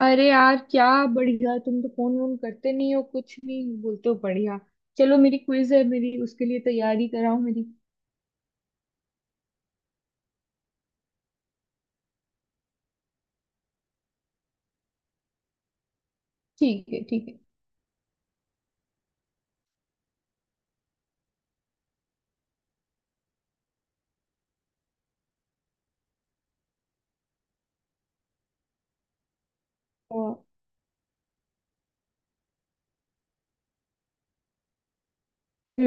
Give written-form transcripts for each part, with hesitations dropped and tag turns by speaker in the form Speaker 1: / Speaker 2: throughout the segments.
Speaker 1: अरे यार क्या बढ़िया। तुम तो फोन वोन करते नहीं हो कुछ नहीं बोलते हो बढ़िया। चलो मेरी क्विज है मेरी उसके लिए तैयारी कराओ मेरी। ठीक है ठीक है।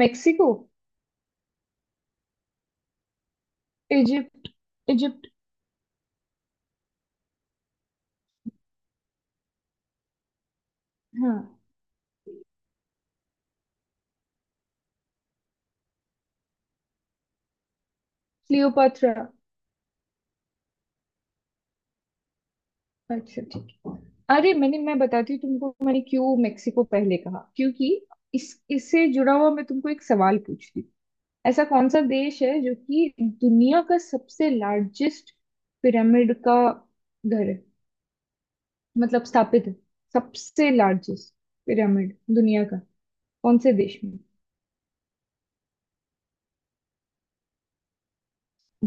Speaker 1: मेक्सिको। इजिप्ट। इजिप्ट। हाँ। क्लियोपात्रा। अच्छा ठीक है। अरे मैं बताती हूँ तुमको मैंने क्यों मेक्सिको पहले कहा क्योंकि इस इससे जुड़ा हुआ मैं तुमको एक सवाल पूछती हूँ। ऐसा कौन सा देश है जो कि दुनिया का सबसे लार्जेस्ट पिरामिड का घर है मतलब स्थापित है। सबसे लार्जेस्ट पिरामिड दुनिया का कौन से देश में।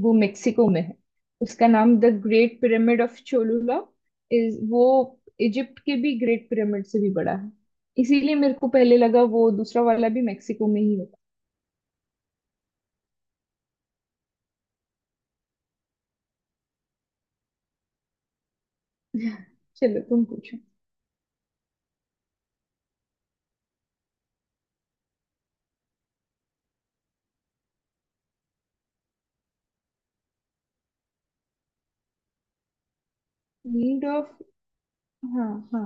Speaker 1: वो मेक्सिको में है। उसका नाम the great pyramid of Cholula is वो इजिप्ट के भी ग्रेट पिरामिड से भी बड़ा है। इसीलिए मेरे को पहले लगा वो दूसरा वाला भी मेक्सिको में ही होगा। चलो तुम पूछो। Need of. हाँ। हाँ।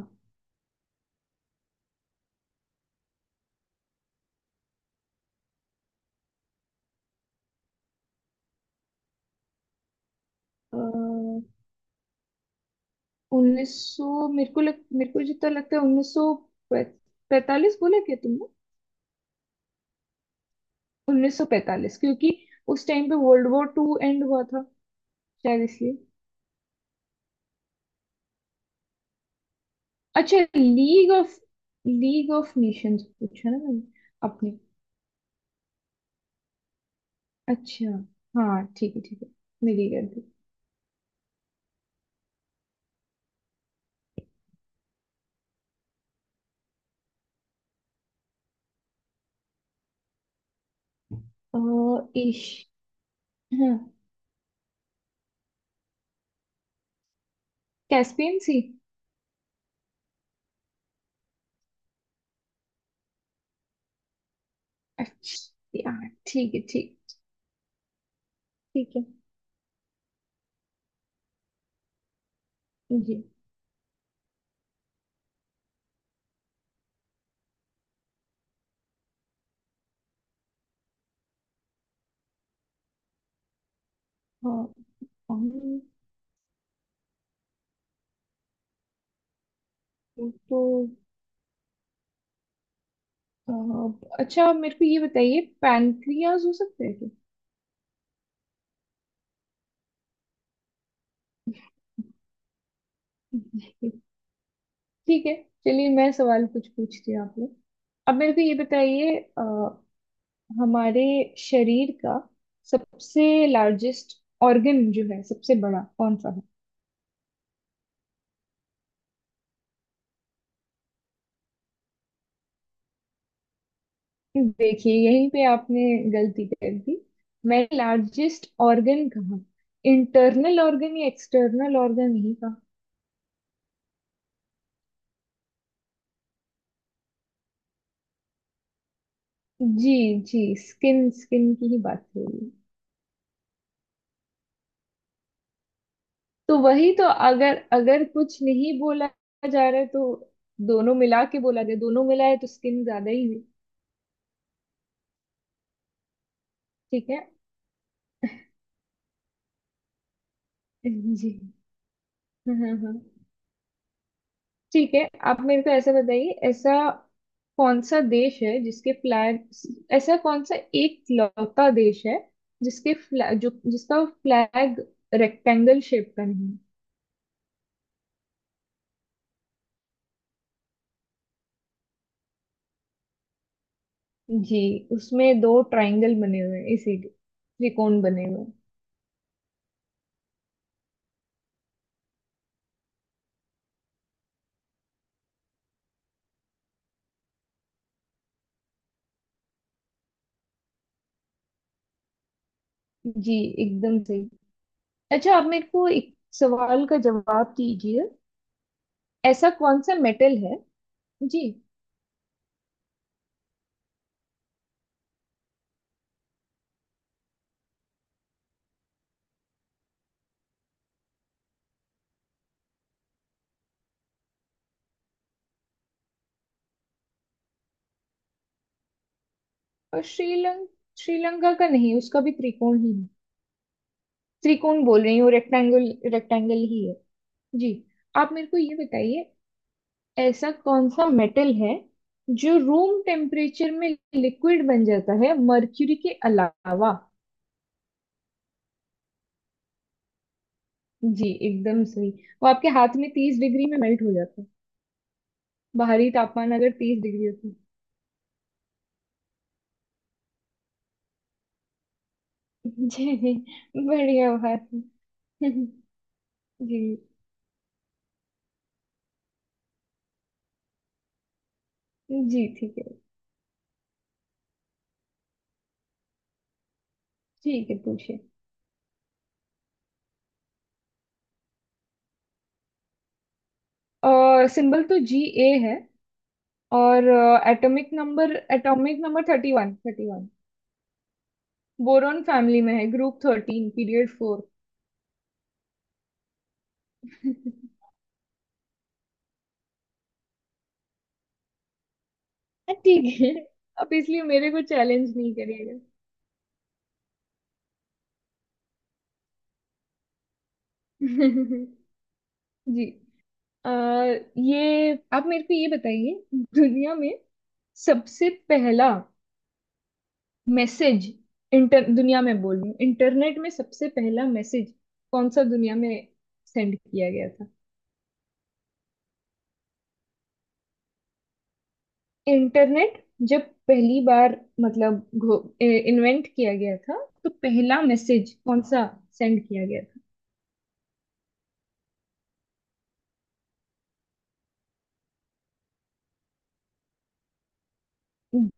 Speaker 1: उन्नीस सौ मेरे को जितना लगता है 1945 बोला क्या तुमने। 1945 क्योंकि उस टाइम पे वर्ल्ड वॉर टू एंड हुआ था शायद इसलिए। अच्छा लीग ऑफ नेशंस पूछा ना मैंने। अपने। अच्छा। हाँ ठीक है ठीक है। मेरी गलती। इश। हाँ। कैस्पियन सी। अच्छा यार ठीक है ठीक। ठीक है। जी। हाँ। हम- वो तो अच्छा आप मेरे को ये बताइए पैनक्रियाज हो सकता है। क्या ठीक है चलिए मैं सवाल कुछ पूछती हूँ आपने। अब मेरे को ये बताइए हमारे शरीर का सबसे लार्जेस्ट ऑर्गन जो है सबसे बड़ा कौन सा। है देखिए यहीं पे आपने गलती कर दी। मैं लार्जेस्ट ऑर्गन कहा। इंटरनल ऑर्गन या एक्सटर्नल ऑर्गन नहीं कहा। जी। जी। स्किन स्किन की ही बात हो रही है। तो वही तो अगर अगर कुछ नहीं बोला जा रहा है तो दोनों मिला के बोला जाए दोनों मिला है तो स्किन ज्यादा ही। ठीक है। जी। हाँ हाँ हाँ। ठीक है। आप मेरे को ऐसा बताइए। ऐसा कौन सा देश है जिसके फ्लैग ऐसा कौन सा एक लौता देश है जिसके फ्लैग जो जिसका फ्लैग रेक्टेंगल शेप का नहीं है? जी। उसमें दो ट्रायंगल बने हुए हैं इसीलिए त्रिकोण बने हुए हैं। जी एकदम सही। अच्छा आप मेरे को एक सवाल का जवाब दीजिए। ऐसा कौन सा मेटल है? जी। और श्रीलंका। श्रीलंका का नहीं उसका भी त्रिकोण ही है। त्रिकोण बोल रही हूँ रेक्टेंगल रेक्टेंगल ही है। जी। आप मेरे को ये बताइए ऐसा कौन सा मेटल है जो रूम टेम्परेचर में लिक्विड बन जाता है मर्क्यूरी के अलावा। जी एकदम सही। वो आपके हाथ में 30 डिग्री में मेल्ट हो जाता है बाहरी तापमान अगर 30 डिग्री होता है। जी। बढ़िया बात है जी। जी। ठीक है पूछिए। सिंबल तो Ga है। और एटॉमिक नंबर 31। बोरॉन फैमिली में है ग्रुप 13 पीरियड फोर। हाँ, ठीक है। अब इसलिए मेरे को चैलेंज नहीं करिएगा। जी। आ, ये आप मेरे को ये बताइए दुनिया में सबसे पहला मैसेज इंटर दुनिया में बोल रही हूँ इंटरनेट में सबसे पहला मैसेज कौन सा दुनिया में सेंड किया गया था। इंटरनेट जब पहली बार मतलब इन्वेंट किया गया था तो पहला मैसेज कौन सा सेंड किया गया।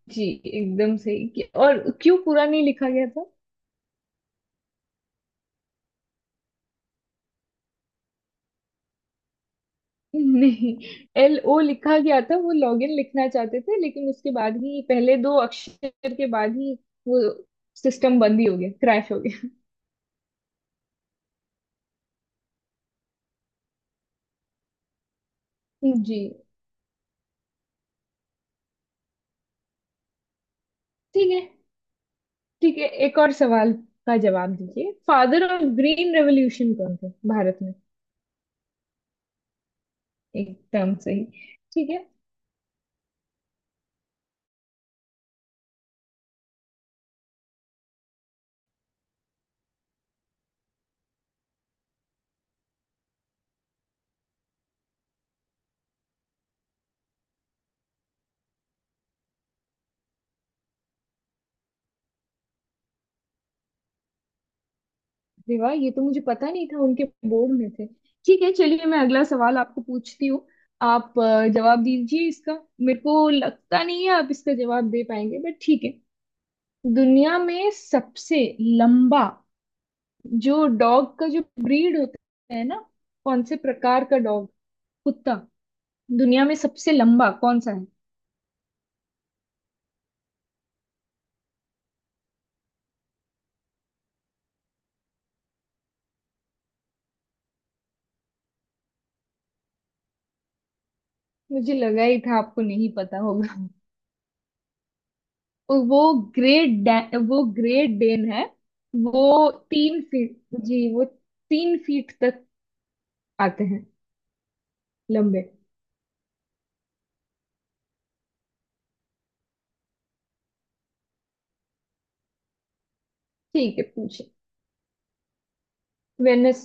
Speaker 1: जी एकदम सही। और क्यों पूरा नहीं लिखा गया था। नहीं LO लिखा गया था वो लॉगिन लिखना चाहते थे लेकिन उसके बाद ही पहले दो अक्षर के बाद ही वो सिस्टम बंद ही हो गया क्रैश हो गया। जी। ठीक है। ठीक है एक और सवाल का जवाब दीजिए। फादर ऑफ ग्रीन रेवोल्यूशन कौन थे भारत में। एकदम सही। ठीक है। अरे वाह ये तो मुझे पता नहीं था उनके बोर्ड में थे। ठीक है चलिए मैं अगला सवाल आपको पूछती हूँ। आप जवाब दीजिए इसका। मेरे को लगता नहीं है आप इसका जवाब दे पाएंगे बट ठीक है। दुनिया में सबसे लंबा जो डॉग का जो ब्रीड होता है ना कौन से प्रकार का डॉग कुत्ता दुनिया में सबसे लंबा कौन सा है। मुझे लगा ही था आपको नहीं पता होगा। वो वो ग्रेट डेन है। वो तीन फीट जी। वो 3 फीट तक आते हैं लंबे। ठीक है पूछे। वेनिस।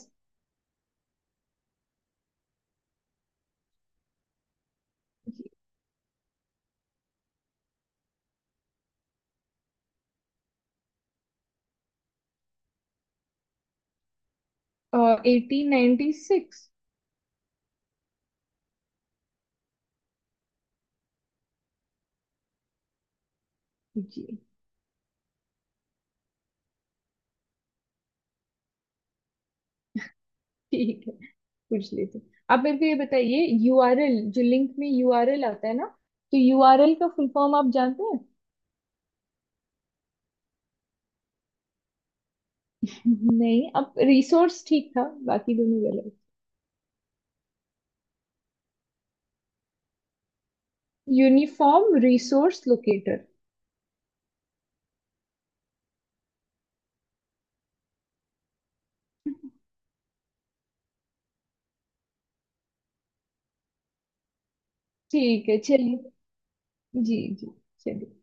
Speaker 1: 1896। जी। ठीक है पूछ लेते हैं। आप मेरे को ये बताइए यूआरएल जो लिंक में यूआरएल आता है ना तो यूआरएल का फुल फॉर्म आप जानते हैं। नहीं अब रिसोर्स ठीक था बाकी दोनों गलत। Uniform resource locator. ठीक है चलिए। जी जी। चलिए।